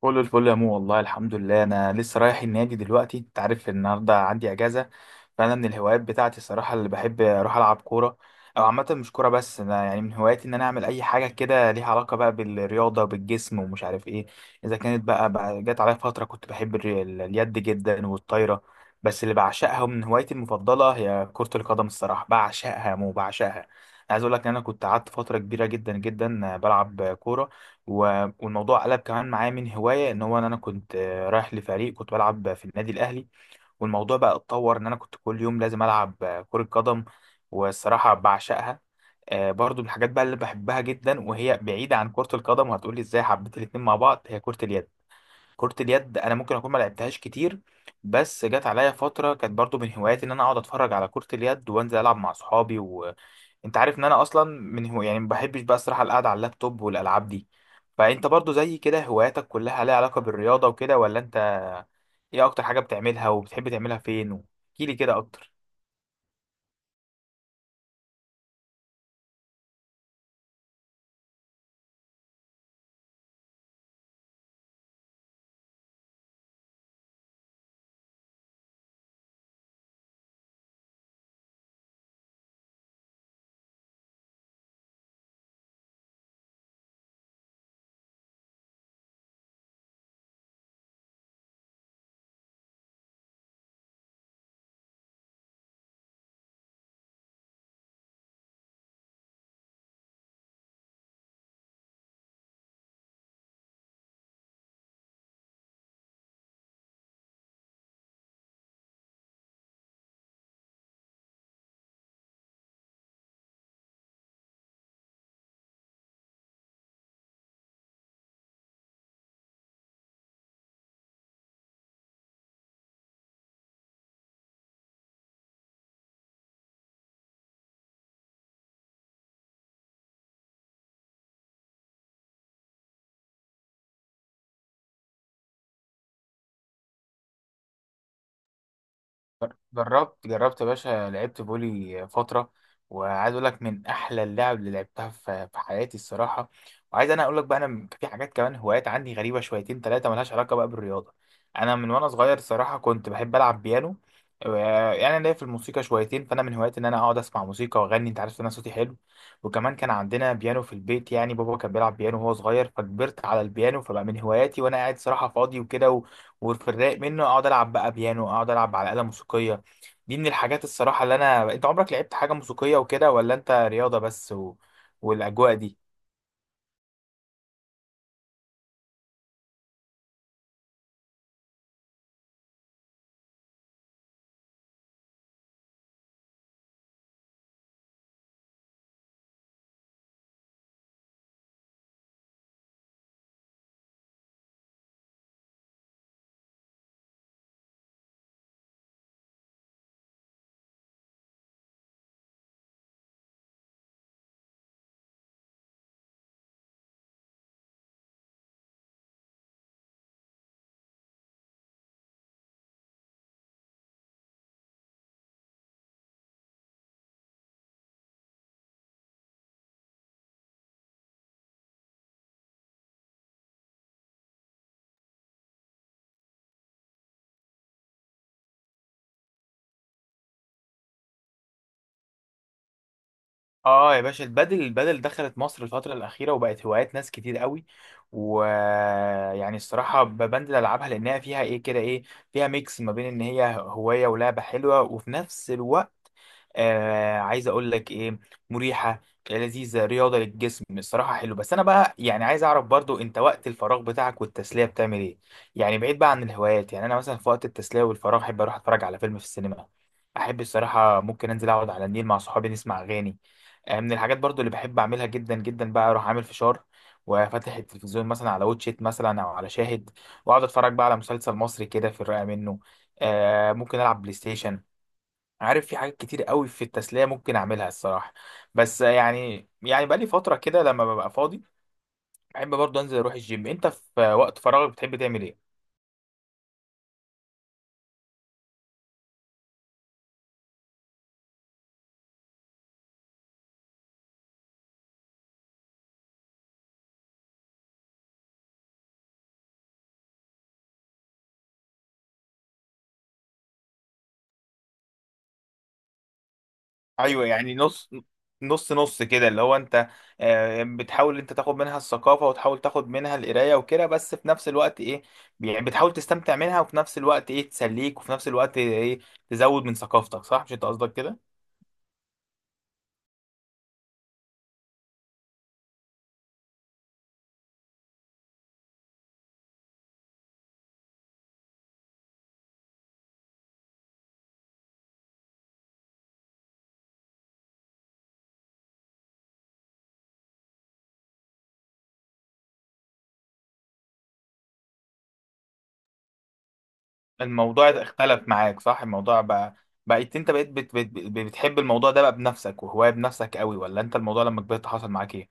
كل الفل يا مو، والله الحمد لله. انا لسه رايح النادي دلوقتي، انت عارف النهارده عندي اجازه. فانا من الهوايات بتاعتي الصراحه اللي بحب اروح العب كوره. او عامه مش كوره، بس انا يعني من هواياتي ان انا اعمل اي حاجه كده ليها علاقه بقى بالرياضه وبالجسم ومش عارف ايه. اذا كانت بقى جت عليا فتره كنت بحب اليد جدا والطايره. بس اللي بعشقها من هوايتي المفضله هي كره القدم، الصراحه بعشقها يا مو، بعشقها. عايز اقول لك ان انا كنت قعدت فتره كبيره جدا جدا بلعب كوره. والموضوع قلب كمان معايا من هواية، ان هو ان انا كنت رايح لفريق، كنت بلعب في النادي الاهلي. والموضوع بقى اتطور ان انا كنت كل يوم لازم العب كرة قدم. والصراحة بعشقها. برضو من الحاجات بقى اللي بحبها جدا وهي بعيدة عن كرة القدم، وهتقولي ازاي حبيت الاتنين مع بعض، هي كرة اليد. كرة اليد انا ممكن اكون ما لعبتهاش كتير، بس جت عليا فترة كانت برضو من هواياتي ان انا اقعد اتفرج على كرة اليد وانزل العب مع صحابي. وانت عارف ان انا اصلا من هو يعني ما بحبش بقى الصراحة القعدة على اللابتوب والالعاب دي. فانت برضو زي كده هواياتك كلها ليها علاقة بالرياضة وكده ولا انت؟ ايه اكتر حاجة بتعملها وبتحب تعملها فين؟ احكيلي كده اكتر. جربت جربت يا باشا، لعبت فولي فترة. وعايز اقول لك من احلى اللعب اللي لعبتها في حياتي الصراحة. وعايز انا اقول لك بقى انا في حاجات كمان هوايات عندي غريبة شويتين ثلاثة ملهاش علاقة بقى بالرياضة. انا من وانا صغير صراحة كنت بحب العب بيانو. و- يعني انا ليا في الموسيقى شويتين، فانا من هواياتي ان انا اقعد اسمع موسيقى واغني، انت عارف ان انا صوتي حلو. وكمان كان عندنا بيانو في البيت، يعني بابا كان بيلعب بيانو وهو صغير، فكبرت على البيانو، فبقى من هواياتي وانا قاعد صراحة فاضي وكده. وفي الرايق منه اقعد العب بقى بيانو، اقعد العب على آلة موسيقية. دي من الحاجات الصراحة اللي أنا، أنت عمرك لعبت حاجة موسيقية وكده ولا أنت رياضة بس والأجواء دي؟ آه يا باشا، البادل البادل دخلت مصر الفترة الأخيرة وبقت هوايات ناس كتير قوي. ويعني الصراحة بنزل ألعبها لأنها فيها إيه كده، إيه فيها ميكس ما بين إن هي هواية ولعبة حلوة وفي نفس الوقت عايز اقول لك ايه، مريحه لذيذه رياضه للجسم الصراحه حلو. بس انا بقى يعني عايز اعرف برضو انت وقت الفراغ بتاعك والتسليه بتعمل ايه؟ يعني بعيد بقى عن الهوايات، يعني انا مثلا في وقت التسليه والفراغ احب اروح اتفرج على فيلم في السينما. احب الصراحه ممكن انزل اقعد على النيل مع صحابي نسمع اغاني. آه، من الحاجات برضو اللي بحب اعملها جدا جدا بقى اروح عامل فشار وفاتح التلفزيون مثلا على واتشيت مثلا او على شاهد، واقعد اتفرج بقى على مسلسل مصري كده في الرقه منه. آه، ممكن العب بلاي ستيشن. عارف في حاجات كتير قوي في التسلية ممكن أعملها الصراحة. بس يعني بقالي فترة كده لما ببقى فاضي بحب برضه أنزل أروح الجيم. أنت في وقت فراغك بتحب تعمل إيه؟ أيوه يعني نص، نص كده اللي هو أنت، بتحاول أنت تاخد منها الثقافة وتحاول تاخد منها القراية وكده، بس في نفس الوقت إيه، يعني بتحاول تستمتع منها، وفي نفس الوقت إيه تسليك، وفي نفس الوقت إيه تزود من ثقافتك، صح مش أنت قصدك كده؟ الموضوع اختلف معاك صح، الموضوع بقى بقيت انت بقيت بتحب الموضوع ده بقى بنفسك وهواية بنفسك قوي، ولا انت الموضوع لما كبرت حصل معاك ايه؟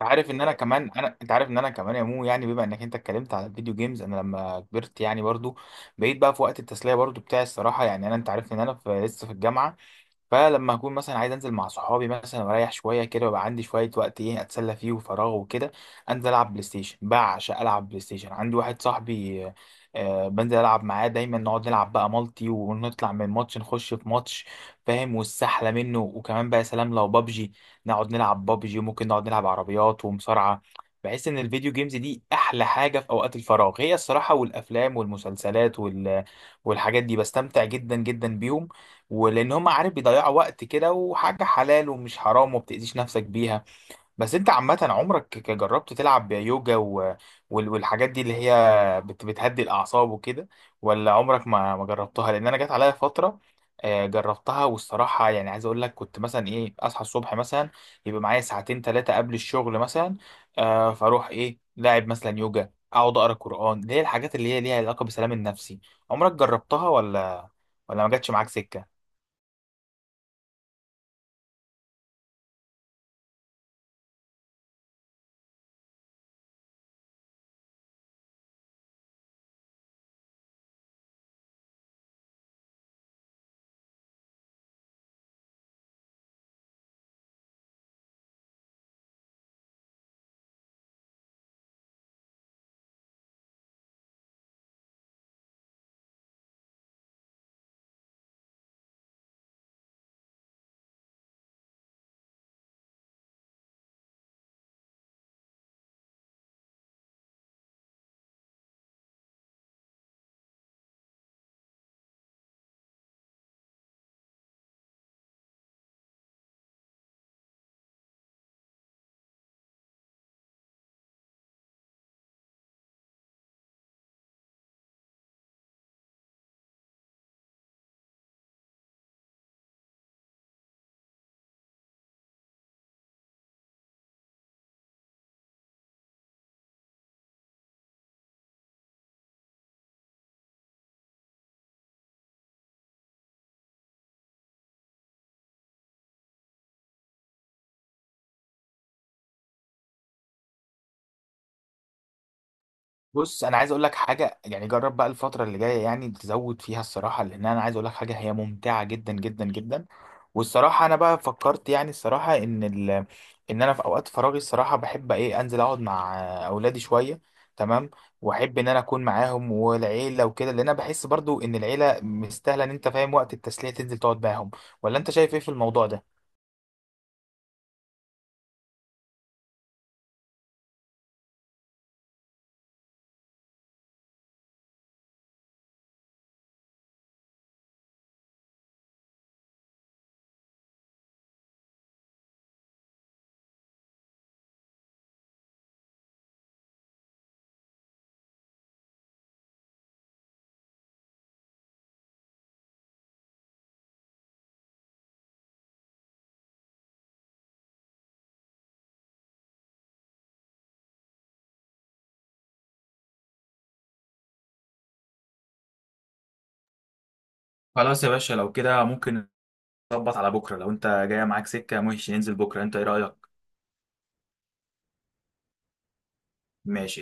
انت عارف ان انا كمان انا، انت عارف ان انا كمان يا مو، يعني بما انك انت اتكلمت على الفيديو جيمز، انا لما كبرت يعني برضو بقيت بقى في وقت التسلية برضو بتاعي الصراحة. يعني انا انت عارف ان انا لسه في الجامعة، فلما اكون مثلا عايز انزل مع صحابي مثلا واريح شويه كده، ويبقى عندي شويه وقت ايه اتسلى فيه وفراغ وكده، انزل العب بلاي ستيشن. بعشق العب بلاي ستيشن. عندي واحد صاحبي، بنزل العب معاه دايما، نقعد نلعب بقى مالتي ونطلع من ماتش نخش في ماتش، فاهم، والسحله منه. وكمان بقى سلام لو بابجي، نقعد نلعب بابجي، وممكن نقعد نلعب عربيات ومصارعه. بحس ان الفيديو جيمز دي احلى حاجه في اوقات الفراغ هي الصراحه، والافلام والمسلسلات والحاجات دي بستمتع جدا جدا بيهم. ولان هم عارف بيضيعوا وقت كده وحاجه حلال ومش حرام وما بتاذيش نفسك بيها. بس انت عامه عمرك جربت تلعب يوجا والحاجات دي اللي هي بتهدي الاعصاب وكده، ولا عمرك ما جربتها؟ لان انا جت عليا فتره، جربتها، والصراحه يعني عايز اقول لك كنت مثلا ايه اصحى الصبح مثلا يبقى معايا ساعتين ثلاثه قبل الشغل مثلا، فاروح ايه لاعب مثلا يوجا، اقعد اقرا قران، اللي هي الحاجات اللي هي ليها علاقه بالسلام النفسي. عمرك جربتها ولا ولا ما جاتش معاك سكه؟ بص انا عايز اقول لك حاجه، يعني جرب بقى الفتره اللي جايه يعني تزود فيها الصراحه، لان انا عايز اقول لك حاجه هي ممتعه جدا جدا جدا. والصراحه انا بقى فكرت يعني الصراحه ان ان انا في اوقات فراغي الصراحه بحب ايه انزل اقعد مع اولادي شويه، تمام، واحب ان انا اكون معاهم والعيله وكده، لان انا بحس برضو ان العيله مستاهله ان انت فاهم وقت التسليه تنزل تقعد معاهم. ولا انت شايف ايه في الموضوع ده؟ خلاص يا باشا لو كده ممكن نظبط على بكره، لو انت جايه معاك سكه ماشي ننزل بكره، انت ايه رايك؟ ماشي.